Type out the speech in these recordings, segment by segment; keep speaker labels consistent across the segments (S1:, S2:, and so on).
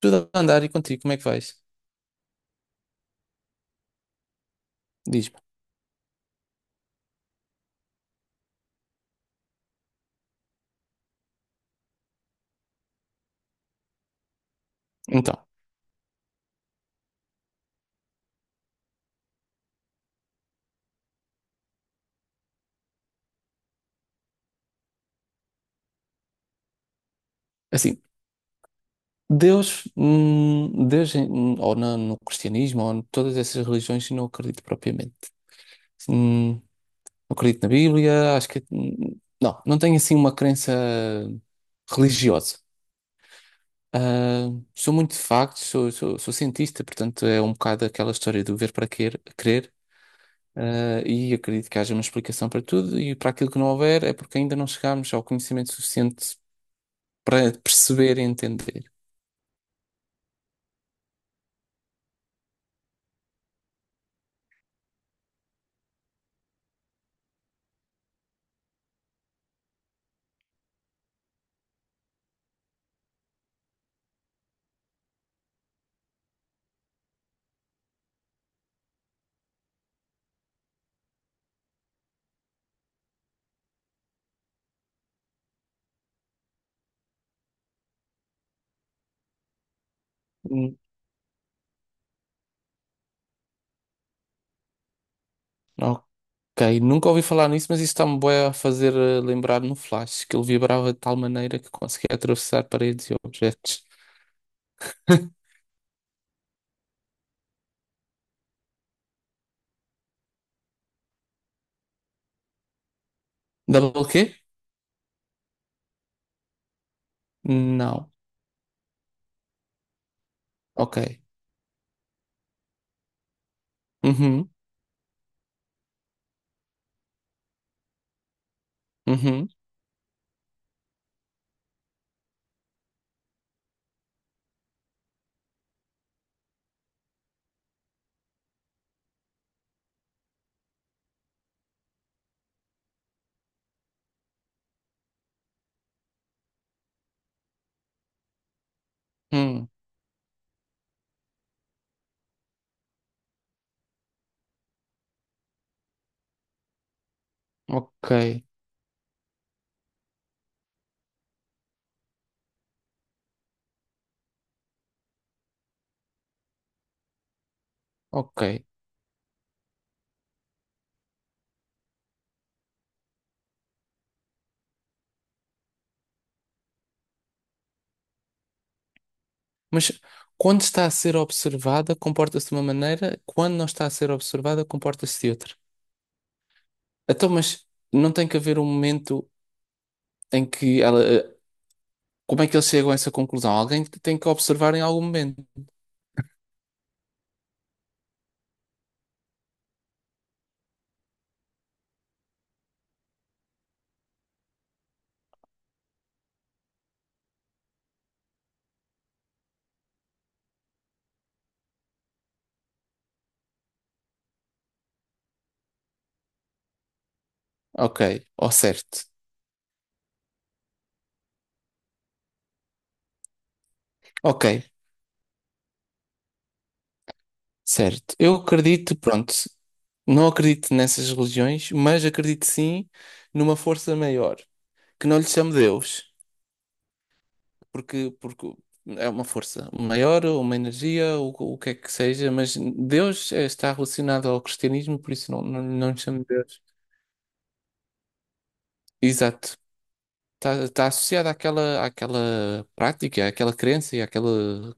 S1: Tudo a andar e contigo, como é que vais? Diz-me. Então, assim, Deus, Deus, no cristianismo, ou em todas essas religiões, eu não acredito propriamente. Não acredito na Bíblia, acho que. Não, não tenho assim uma crença religiosa. Ah, sou muito de factos, sou cientista, portanto é um bocado aquela história do crer, e acredito que haja uma explicação para tudo, e para aquilo que não houver é porque ainda não chegámos ao conhecimento suficiente para perceber e entender. Hum, Ok, nunca ouvi falar nisso, mas isso está-me bué a fazer lembrar no Flash, que ele vibrava de tal maneira que conseguia atravessar paredes e objetos. Double quê? Não. Ok. Uhum, uhum, hum, ok, ok. Mas quando está a ser observada, comporta-se de uma maneira, quando não está a ser observada, comporta-se de outra. Então, mas não tem que haver um momento em Como é que eles chegam a essa conclusão? Alguém tem que observar em algum momento. Ok, ou certo. Ok, certo. Eu acredito, pronto, não acredito nessas religiões, mas acredito sim numa força maior, que não lhe chamo Deus, porque é uma força maior, ou uma energia, ou o que é que seja, mas Deus está relacionado ao cristianismo, por isso não lhe chamo Deus. Exato. Está associado àquela, àquela prática, àquela crença e àquele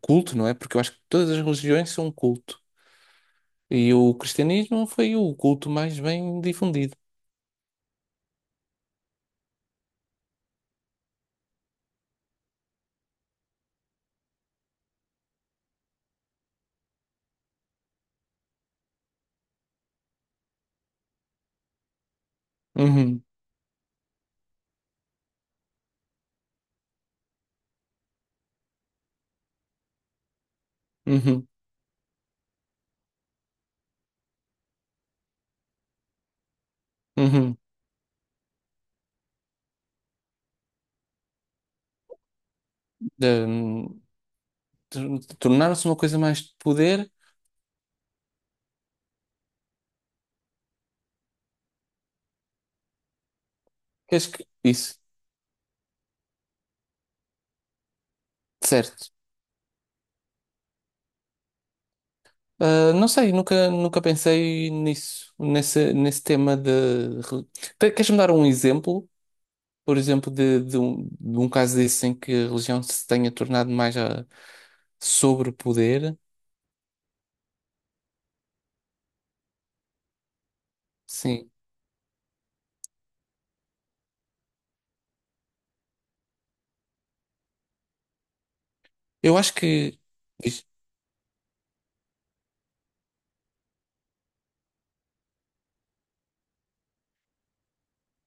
S1: culto, não é? Porque eu acho que todas as religiões são um culto. E o cristianismo foi o culto mais bem difundido. Uhum, uhum, uhum. De- de Tornar-se uma coisa mais de poder, que acho que isso, certo. Ah, não sei, nunca pensei nisso, nesse tema de. re- Queres-me dar um exemplo, por exemplo, de um caso desse em que a religião se tenha tornado sobre o poder? Sim. Eu acho que.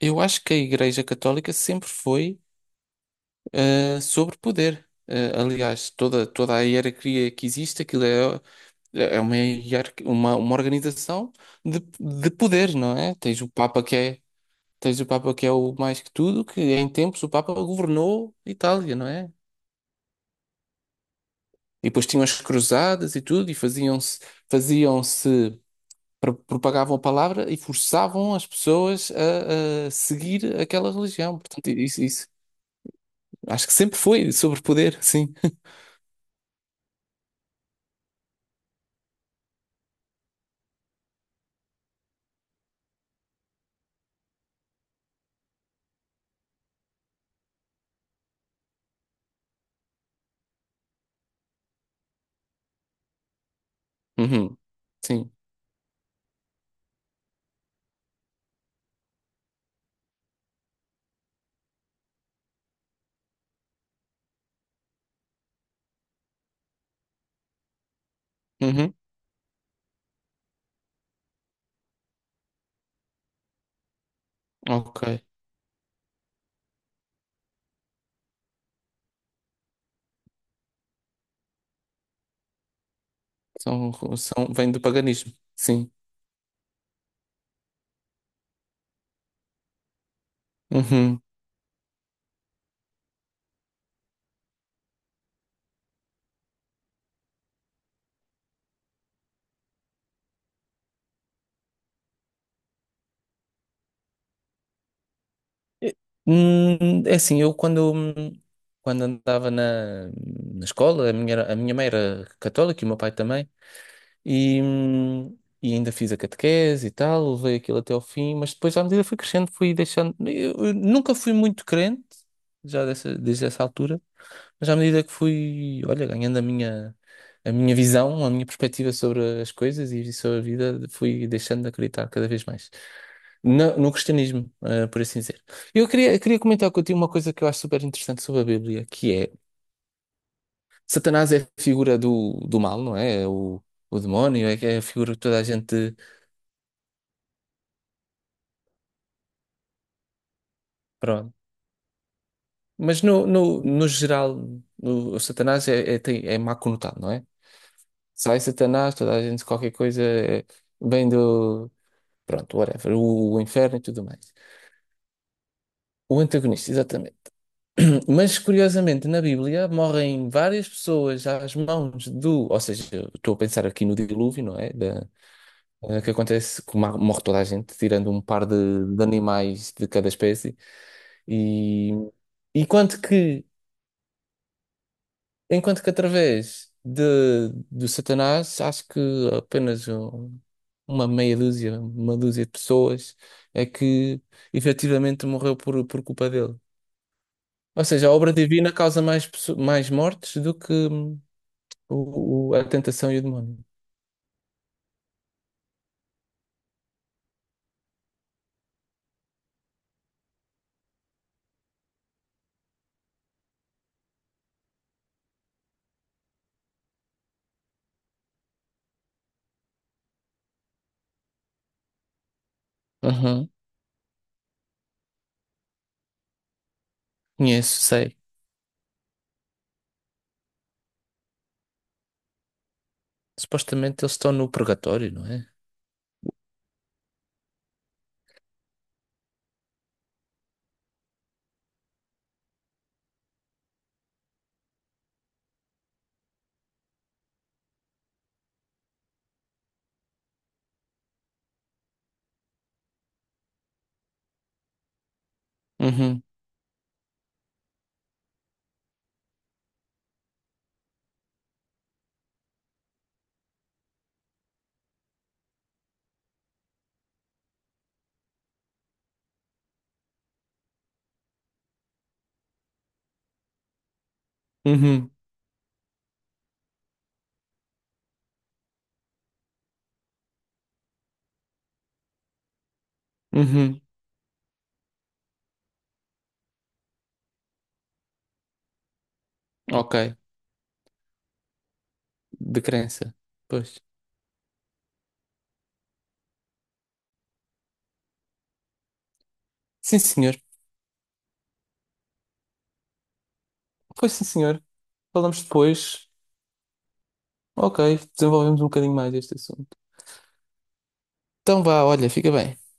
S1: Eu acho que a Igreja Católica sempre foi sobre poder. Aliás, toda a hierarquia que existe, aquilo é uma organização de poder, não é? Tens o Papa que é o mais que tudo, que em tempos o Papa governou Itália, não é? E depois tinham as cruzadas e tudo, e faziam-se, propagavam a palavra e forçavam as pessoas a seguir aquela religião. Portanto, isso acho que sempre foi sobre poder, sim. Uhum. Sim. Uhum. Ok. São, são, vem do paganismo. Sim. Uhum. É assim, quando andava na escola, a minha mãe era católica e o meu pai também, e, hum, e ainda fiz a catequese e tal, levei aquilo até ao fim, mas depois à medida que fui crescendo, fui deixando. Eu nunca fui muito crente, desde essa altura. Mas à medida que fui, olha, ganhando a minha visão, a minha perspectiva sobre as coisas e sobre a vida, fui deixando de acreditar cada vez mais no cristianismo, por assim dizer. Eu queria comentar contigo uma coisa que eu acho super interessante sobre a Bíblia, que é Satanás é a figura do mal, não é? É o demónio, é que é a figura que toda a gente. Pronto. Mas no geral, o Satanás é má conotado, não é? Sai Satanás, toda a gente, qualquer coisa, é, vem do. Pronto, whatever. O inferno e tudo mais. O antagonista, exatamente. Mas curiosamente, na Bíblia morrem várias pessoas às mãos do. Ou seja, eu estou a pensar aqui no dilúvio, não é? Que acontece que morre toda a gente, tirando um par de animais de cada espécie. E enquanto que, enquanto que através do Satanás, acho que apenas uma meia dúzia, uma dúzia de pessoas é que efetivamente morreu por culpa dele. Ou seja, a obra divina causa mais mortes do que o- a tentação e o demónio. Uhum. Conheço, sei. Supostamente eles estão no purgatório, não é? Uhum. Uhum. Uhum. Ok. De crença. Pois. Sim, senhor. Pois sim, senhor. Falamos depois. Ok. Desenvolvemos um bocadinho mais este assunto. Então vá, olha, fica bem.